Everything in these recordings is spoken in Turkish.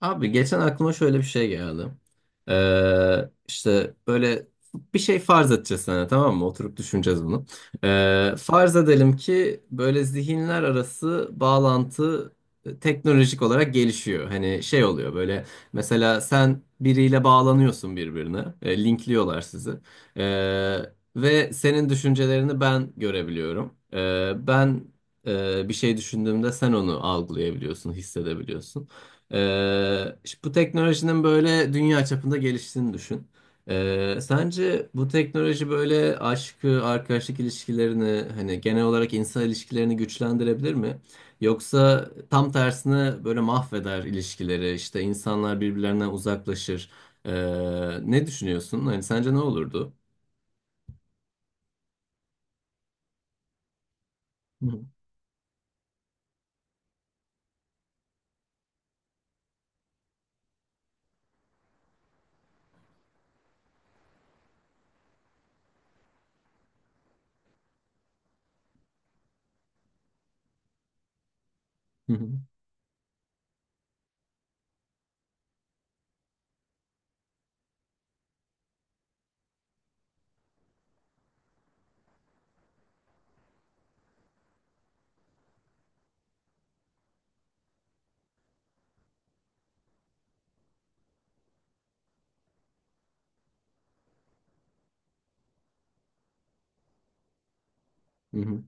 Abi geçen aklıma şöyle bir şey geldi. İşte böyle bir şey farz edeceğiz sana tamam mı? Oturup düşüneceğiz bunu. Farz edelim ki böyle zihinler arası bağlantı teknolojik olarak gelişiyor. Hani şey oluyor böyle mesela sen biriyle bağlanıyorsun birbirine. Linkliyorlar sizi. Ee, Ve senin düşüncelerini ben görebiliyorum. Ben bir şey düşündüğümde sen onu algılayabiliyorsun, hissedebiliyorsun. İşte bu teknolojinin böyle dünya çapında geliştiğini düşün. Sence bu teknoloji böyle aşkı, arkadaşlık ilişkilerini, hani genel olarak insan ilişkilerini güçlendirebilir mi? Yoksa tam tersine böyle mahveder ilişkileri, işte insanlar birbirlerinden uzaklaşır. Ee, Ne düşünüyorsun? Hani sence ne olurdu? Hı hı, hı hı, hı hı,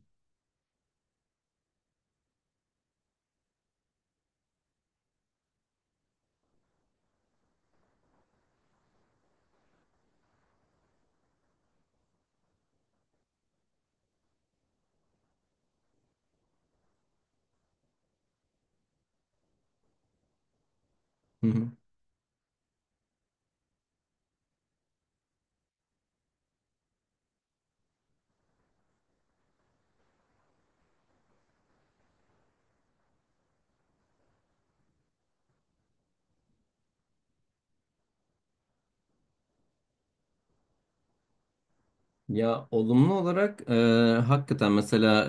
ya olumlu olarak hakikaten mesela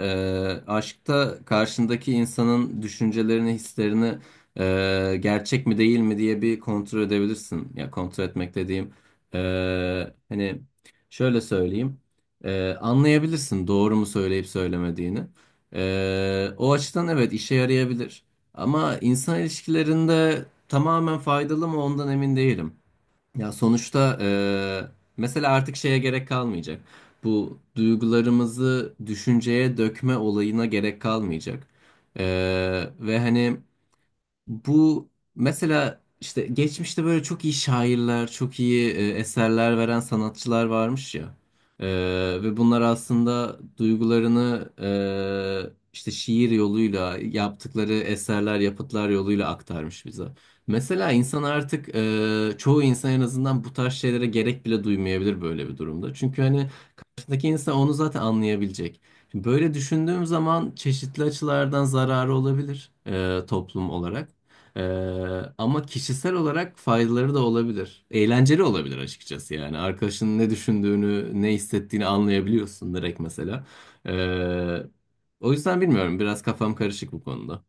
aşkta karşındaki insanın düşüncelerini, hislerini gerçek mi değil mi diye bir kontrol edebilirsin. Ya kontrol etmek dediğim e, hani şöyle söyleyeyim, anlayabilirsin doğru mu söyleyip söylemediğini. O açıdan evet işe yarayabilir. Ama insan ilişkilerinde tamamen faydalı mı ondan emin değilim. Ya sonuçta mesela artık şeye gerek kalmayacak. Bu duygularımızı düşünceye dökme olayına gerek kalmayacak. Ve hani bu mesela işte geçmişte böyle çok iyi şairler, çok iyi eserler veren sanatçılar varmış ya. E, Ve bunlar aslında duygularını işte şiir yoluyla yaptıkları eserler, yapıtlar yoluyla aktarmış bize. Mesela insan artık çoğu insan en azından bu tarz şeylere gerek bile duymayabilir böyle bir durumda. Çünkü hani karşıdaki insan onu zaten anlayabilecek. Şimdi böyle düşündüğüm zaman çeşitli açılardan zararı olabilir toplum olarak. Ama kişisel olarak faydaları da olabilir. Eğlenceli olabilir açıkçası yani. Arkadaşının ne düşündüğünü, ne hissettiğini anlayabiliyorsun direkt mesela. Ee, O yüzden bilmiyorum. Biraz kafam karışık bu konuda.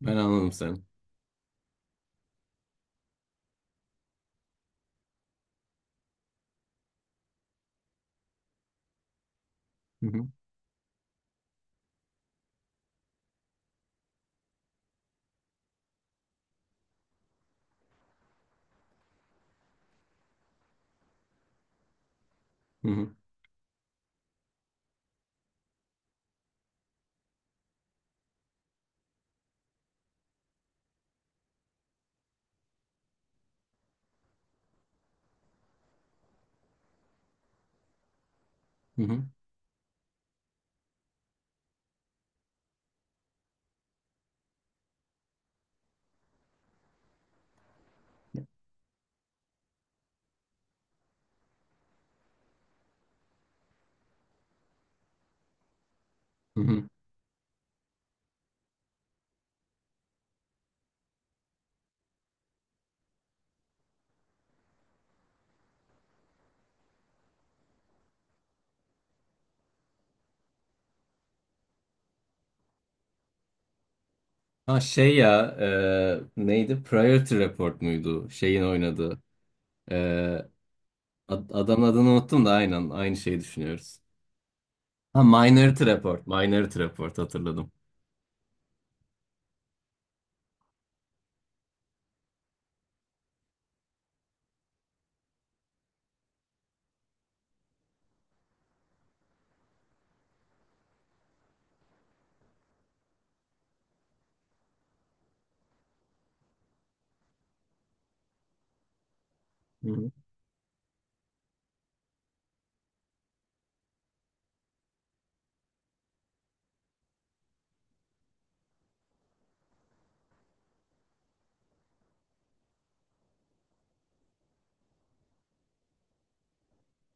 Ben anladım seni. Hı hı, hı hı, hı hı, hı hı. Ha şey ya, neydi? Priority Report muydu? Şeyin oynadığı. E, ad- adamın adını unuttum da aynen aynı şeyi düşünüyoruz. Ha, Minority Report. Minority Report hatırladım.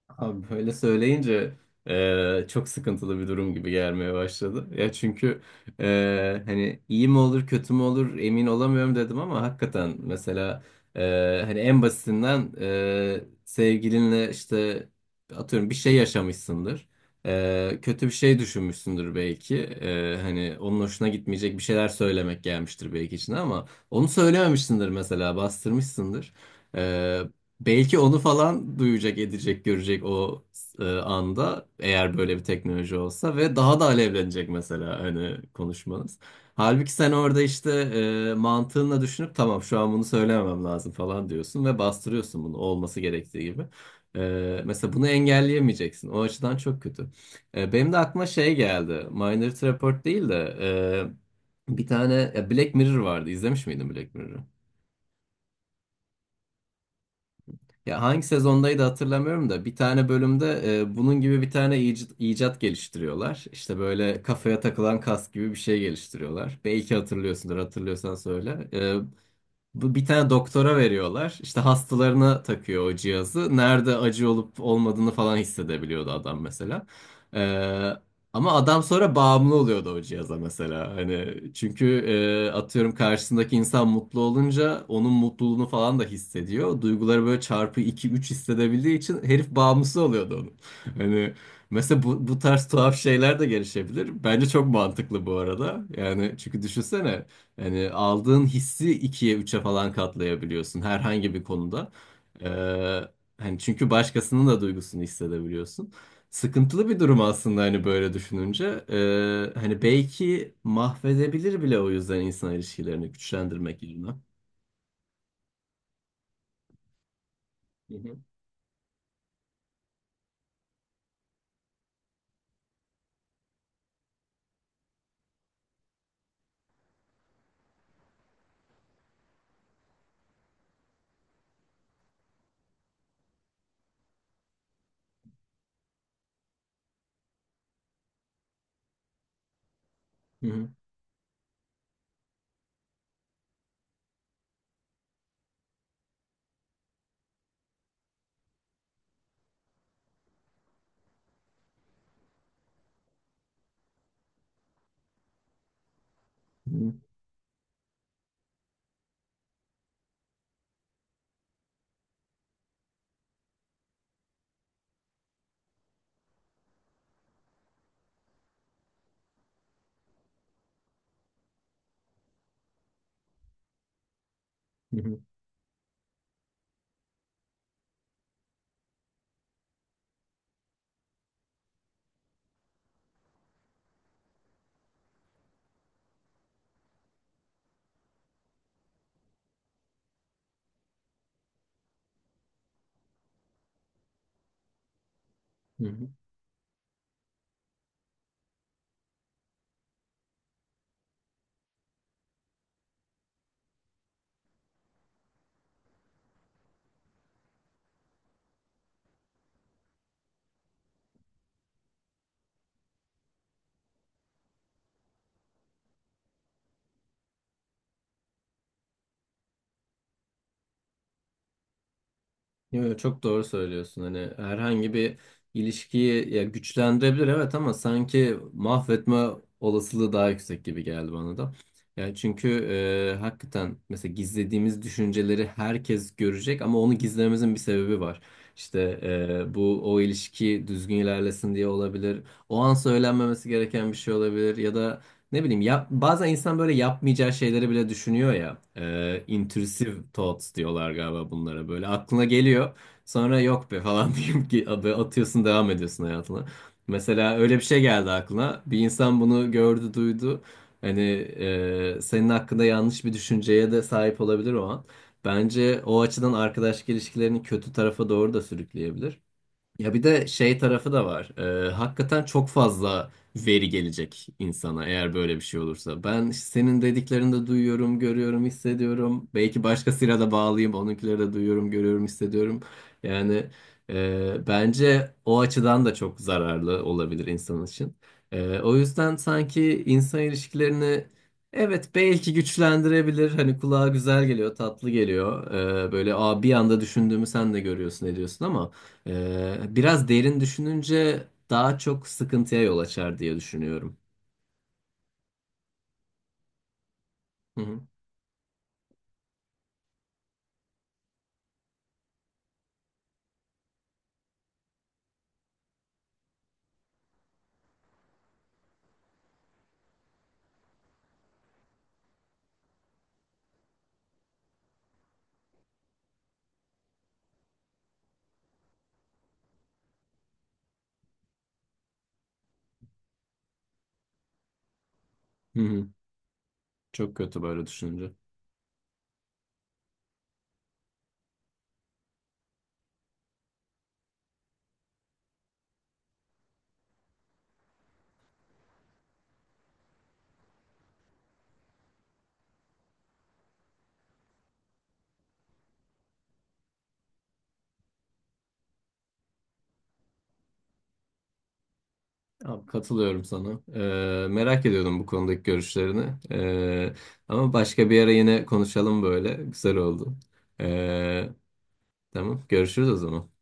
Abi böyle söyleyince çok sıkıntılı bir durum gibi gelmeye başladı. Ya çünkü hani iyi mi olur kötü mü olur emin olamıyorum dedim ama hakikaten mesela e, hani en basitinden sevgilinle işte atıyorum bir şey yaşamışsındır. Kötü bir şey düşünmüşsündür belki. Hani onun hoşuna gitmeyecek bir şeyler söylemek gelmiştir belki içine ama onu söylememişsindir mesela bastırmışsındır. Belki onu falan duyacak, edecek, görecek o anda eğer böyle bir teknoloji olsa ve daha da alevlenecek mesela hani konuşmanız. Halbuki sen orada işte mantığınla düşünüp tamam şu an bunu söylememem lazım falan diyorsun ve bastırıyorsun bunu olması gerektiği gibi. Mesela bunu engelleyemeyeceksin. O açıdan çok kötü. Benim de aklıma şey geldi. Minority Report değil de bir tane ya Black Mirror vardı. İzlemiş miydin Black Mirror'ı? Ya hangi sezondaydı hatırlamıyorum da bir tane bölümde bunun gibi bir tane icat geliştiriyorlar. İşte böyle kafaya takılan kask gibi bir şey geliştiriyorlar. Belki hatırlıyorsundur, hatırlıyorsan söyle. Bu bir tane doktora veriyorlar. İşte hastalarına takıyor o cihazı. Nerede acı olup olmadığını falan hissedebiliyordu adam mesela. Ee, Ama adam sonra bağımlı oluyordu o cihaza mesela. Hani çünkü atıyorum karşısındaki insan mutlu olunca onun mutluluğunu falan da hissediyor. Duyguları böyle çarpı iki üç hissedebildiği için herif bağımlısı oluyordu onun. Hani mesela bu tarz tuhaf şeyler de gelişebilir. Bence çok mantıklı bu arada. Yani çünkü düşünsene. Yani aldığın hissi ikiye, üçe falan katlayabiliyorsun herhangi bir konuda. Ee, Hani çünkü başkasının da duygusunu hissedebiliyorsun. Sıkıntılı bir durum aslında hani böyle düşününce. Hani belki mahvedebilir bile o yüzden insan ilişkilerini güçlendirmek yerine. Hı hı. Hı hı. Hı hı. Hı hı. Yo, yo, çok doğru söylüyorsun. Hani herhangi bir ilişkiyi ya güçlendirebilir evet ama sanki mahvetme olasılığı daha yüksek gibi geldi bana da. Yani çünkü hakikaten mesela gizlediğimiz düşünceleri herkes görecek ama onu gizlememizin bir sebebi var. İşte bu o ilişki düzgün ilerlesin diye olabilir. O an söylenmemesi gereken bir şey olabilir ya da ne bileyim ya bazen insan böyle yapmayacağı şeyleri bile düşünüyor ya. Intrusive thoughts diyorlar galiba bunlara böyle. Aklına geliyor sonra yok be falan deyip ki adı atıyorsun devam ediyorsun hayatına. Mesela öyle bir şey geldi aklına. Bir insan bunu gördü duydu. Hani senin hakkında yanlış bir düşünceye de sahip olabilir o an. Bence o açıdan arkadaşlık ilişkilerini kötü tarafa doğru da sürükleyebilir. Ya bir de şey tarafı da var. Hakikaten çok fazla veri gelecek insana eğer böyle bir şey olursa. Ben senin dediklerini de duyuyorum, görüyorum, hissediyorum. Belki başkasıyla da bağlıyım. Onunkileri de duyuyorum, görüyorum, hissediyorum. Yani bence o açıdan da çok zararlı olabilir insan için. O yüzden sanki insan ilişkilerini, evet, belki güçlendirebilir. Hani kulağa güzel geliyor, tatlı geliyor. Böyle aa, bir anda düşündüğümü sen de görüyorsun, ediyorsun ama biraz derin düşününce daha çok sıkıntıya yol açar diye düşünüyorum. Hı hı. Hı hı. Çok kötü böyle düşününce. Abi, katılıyorum sana. Merak ediyordum bu konudaki görüşlerini. Ama başka bir ara yine konuşalım böyle. Güzel oldu. Ee, tamam, görüşürüz o zaman.